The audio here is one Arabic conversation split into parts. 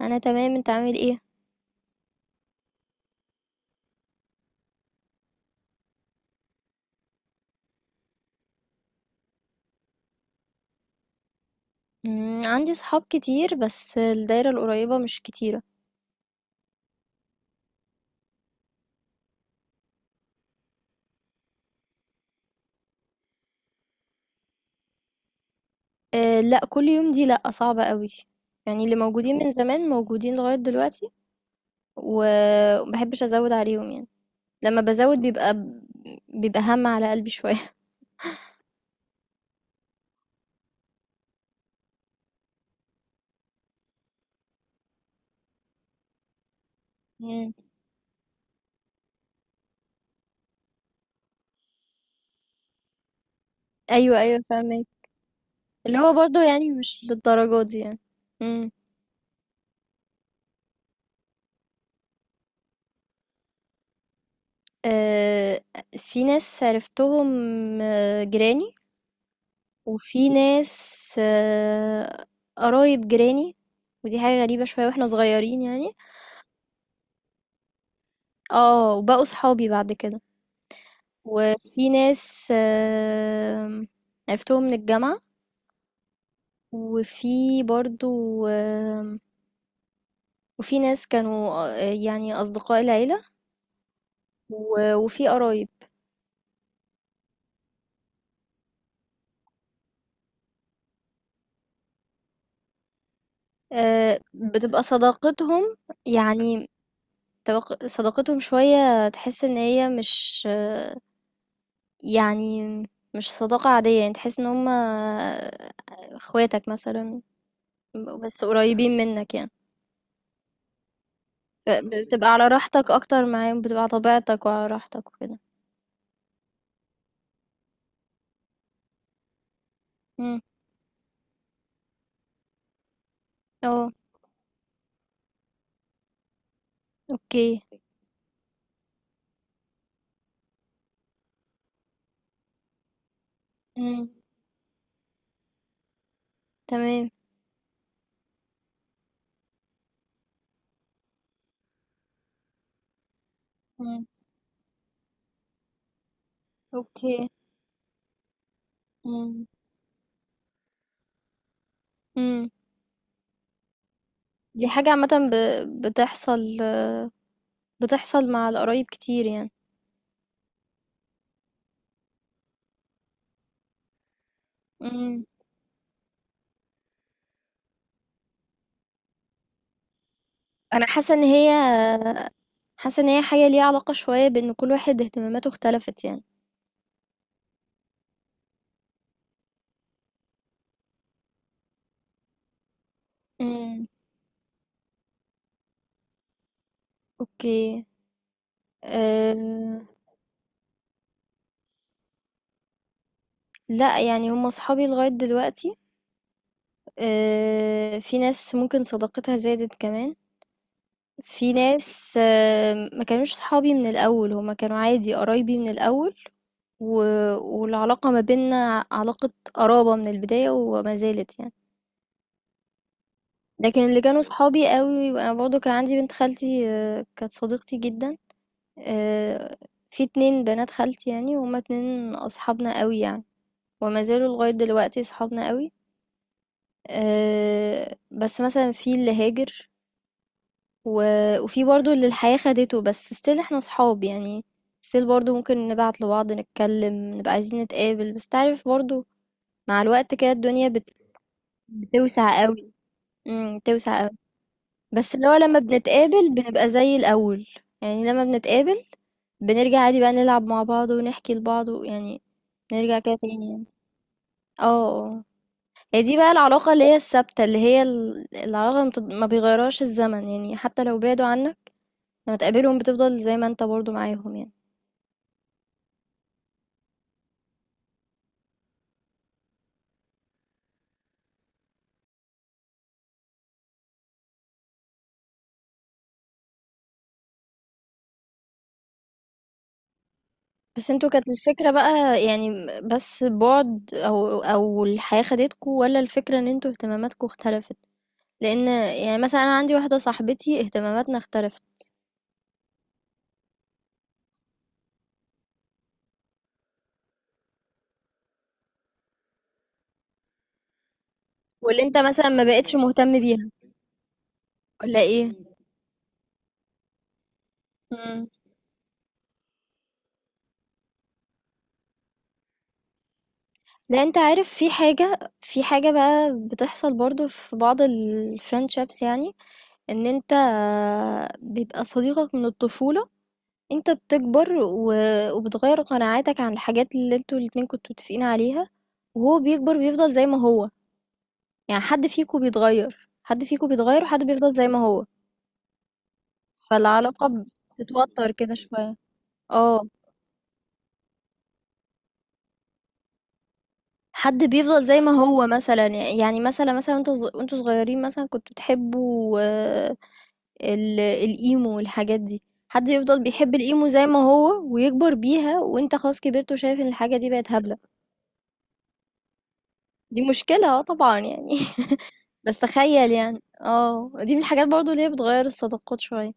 أنا تمام، أنت عامل إيه؟ عندي صحاب كتير بس الدايرة القريبة مش كتيرة. أه لأ، كل يوم دي لأ، صعبة قوي. يعني اللي موجودين من زمان موجودين لغاية دلوقتي، ومبحبش أزود عليهم يعني. لما بزود بيبقى هم على قلبي شوية. مم. أيوه أيوه فاهمك، اللي هو برضه يعني مش للدرجة دي يعني. مم. أه، في ناس عرفتهم جيراني، وفي ناس قرايب جيراني، ودي حاجة غريبة شوية واحنا صغيرين يعني. اه، وبقوا صحابي بعد كده. وفي ناس عرفتهم من الجامعة، وفي برضو آم، وفي ناس كانوا يعني أصدقاء العيلة، وفي قرايب. بتبقى صداقتهم يعني، صداقتهم شوية تحس ان هي مش يعني مش صداقة عادية، يعني تحس ان هما اخواتك مثلا، بس قريبين منك يعني. بتبقى على راحتك اكتر معاهم، بتبقى على طبيعتك وعلى راحتك وكده. امم اه اوكي. امم تمام. امم اوكي. امم امم دي حاجة عامة بتحصل، بتحصل مع القرايب كتير يعني. امم انا حاسة ان هي، حاسة ان هي حاجة ليها علاقة شوية بان كل واحد اهتماماته اختلفت يعني. امم اوكي. آآ لأ، يعني هم صحابي لغاية دلوقتي. في ناس ممكن صداقتها زادت كمان، في ناس أه ما كانوش صحابي من الأول، هم كانوا عادي قرايبي من الأول، و والعلاقة ما بيننا علاقة قرابة من البداية وما زالت يعني. لكن اللي كانوا صحابي أوي، وأنا برضه كان عندي بنت خالتي كانت صديقتي جدًا. آآ في 2 بنات خالتي يعني، وهُم 2 أصحابنا أوي يعني، وما زالوا لغاية دلوقتي صحابنا أوي. بس مثلًا في اللي هاجر، و وفي برضه اللي الحياة خدته، بس still إحنا أصحاب يعني. still برضه ممكن نبعت لبعض، نتكلّم، نبقى عايزين نتقابل، بس أنت عارف برضه مع الوقت كده الدنيا بتوسع أوي. بتوسع أوي. بس اللي هو لمّا بنتقابل بنبقى زي الأول، يعني لمّا بنتقابل بنرجع عادي بقى نلعب مع بعض ونحكي لبعض ويعني نرجع كده تاني يعني. آه، آه. هي دي بقى العلاقة اللي هي الثابتة، اللي هي العلاقة اللي ما بيغيرهاش الزمن، يعني حتى لو بعدوا عنك لما تقابلهم بتفضل زي ما انت برضو معاهم يعني. بس انتوا كانت الفكرة بقى يعني، بس بعد او الحياة خدتكوا، ولا الفكرة ان انتوا اهتماماتكوا اختلفت؟ لان يعني مثلا انا عندي واحدة صاحبتي اهتماماتنا اختلفت، واللي انت مثلا ما بقتش مهتم بيها، ولا ايه؟ مم. لا انت عارف، في حاجة، في حاجة بقى بتحصل برضو في بعض الفريندشيبس يعني. إن أنت بيبقى صديقك من الطفولة، أنت بتكبر وبتغيّر قناعاتك عن الحاجات اللي أنتم الاتنين كنتم متفقين عليها، وهو بيكبر بيفضل زي ما هو. يعني حد فيكم بيتغيّر، حد فيكم بيتغيّر وحد بيفضل زي ما هو، فالعلاقة بتتوتر كده شوية. آه، حد بيفضل زي ما هو مثلًا، يعني مثلًا وأنتم صغيّرين مثلًا كنتم بتحبوا الإيمو والحاجات دي. حد يفضل بيحب الإيمو زي ما هو ويكبر بيها، وانت خلاص كبرت وشايف ان الحاجة دي بقت هبلة. دي مشكلة اه طبعا يعني. بس تخيل يعني، اه دي من الحاجات برضو اللي هي بتغير الصداقات شوية.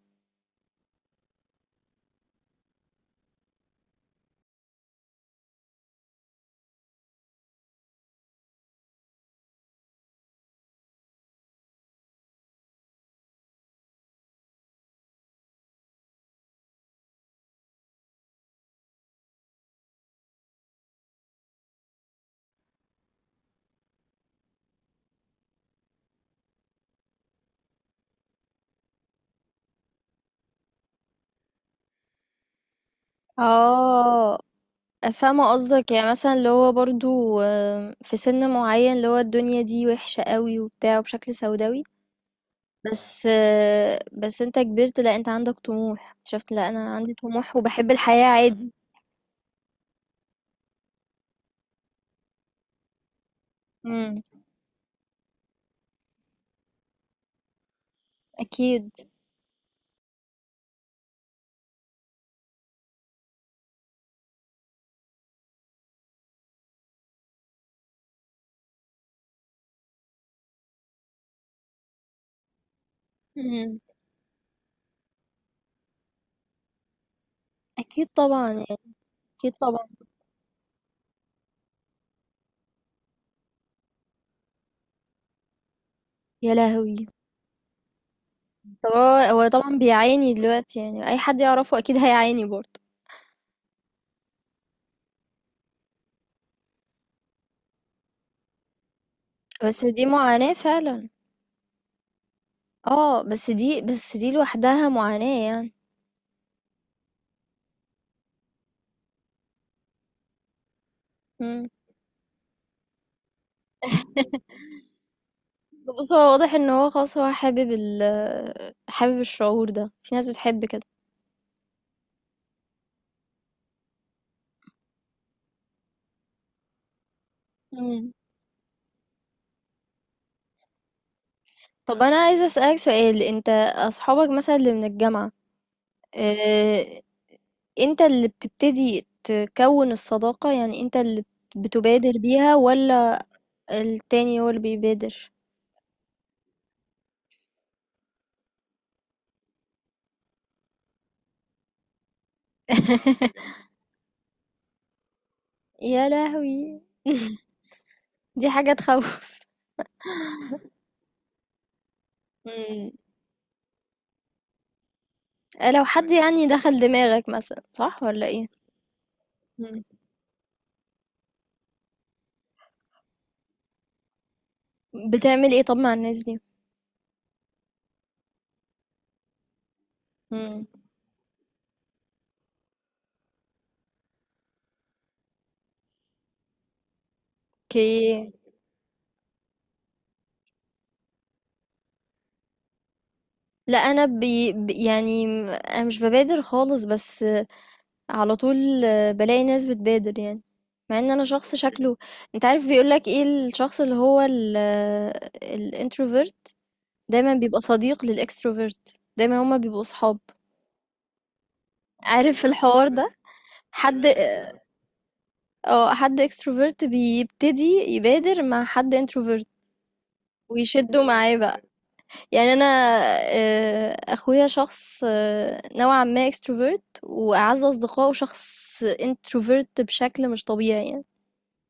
اه فاهمة قصدك، يعني مثلا اللي هو برضو في سن معين اللي هو الدنيا دي وحشة قوي وبتاع وبشكل سوداوي. بس بس انت كبرت، لا انت عندك طموح. شفت، لا انا عندي طموح وبحب الحياة عادي. امم اكيد. أكيد طبعا يعني. أكيد طبعا. يا لهوي! طبعا هو طبعا بيعاني دلوقتي، يعني أي حد يعرفه أكيد هيعاني برضه. بس دي معاناة فعلا. اه، بس دي لوحدها معاناة يعني. مم. بص، هو واضح ان هو خلاص هو حابب الشعور ده. في ناس بتحب كده. مم. طب انا عايزه اسالك سؤال، انت اصحابك مثلا اللي من الجامعه، اه، انت اللي بتبتدي تكون الصداقه يعني، انت اللي بتبادر بيها، ولا التاني هو اللي بيبادر؟ يا لهوي! دي حاجة تخوّف. إمم. لو حد يعني دخل دماغك مثلًا، صح والّا إيه؟ إمم. بتعمل إيه طب مع الناس دي؟ إمم. أوكي. لأ أنا بي ب يعني م أنا مش بابادر خالص، بس على طول بالاقي ناس بتبادر يعني، مع إن أنا شخص شكله. أنت عارف بيقول لك إيه الشخص اللي هو الintrovert، دايمًا بيبقى صديق للextrovert، دايمًا هُم بيبقوا صحاب. عارف الحوار ده؟ حد اه حد اكستروفرت بيبتدي يبادر مع حد انتروفرت ويشدوا معاه بقى. يعني انا اخويا شخص نوعا ما اكستروفرت، واعز اصدقائه شخص انتروفرت بشكل مش طبيعي يعني،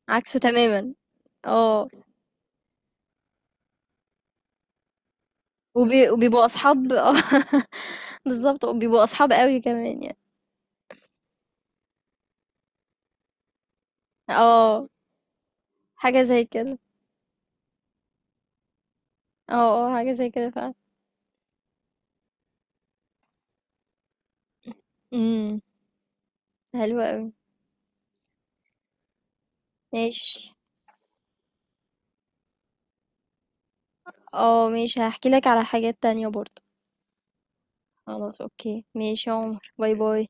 عكسه تماما. اه. وبيبقوا اصحاب. اه بالظبط، وبيبقوا اصحاب قوي كمان يعني. اه حاجه زي كده. اه اه حاجه زي كده فعلا. امم حلوه قوي. ماشي. اه ماشي، هحكي لك على حاجات تانية برضو. خلاص اوكي، ماشي يا عمر، باي باي.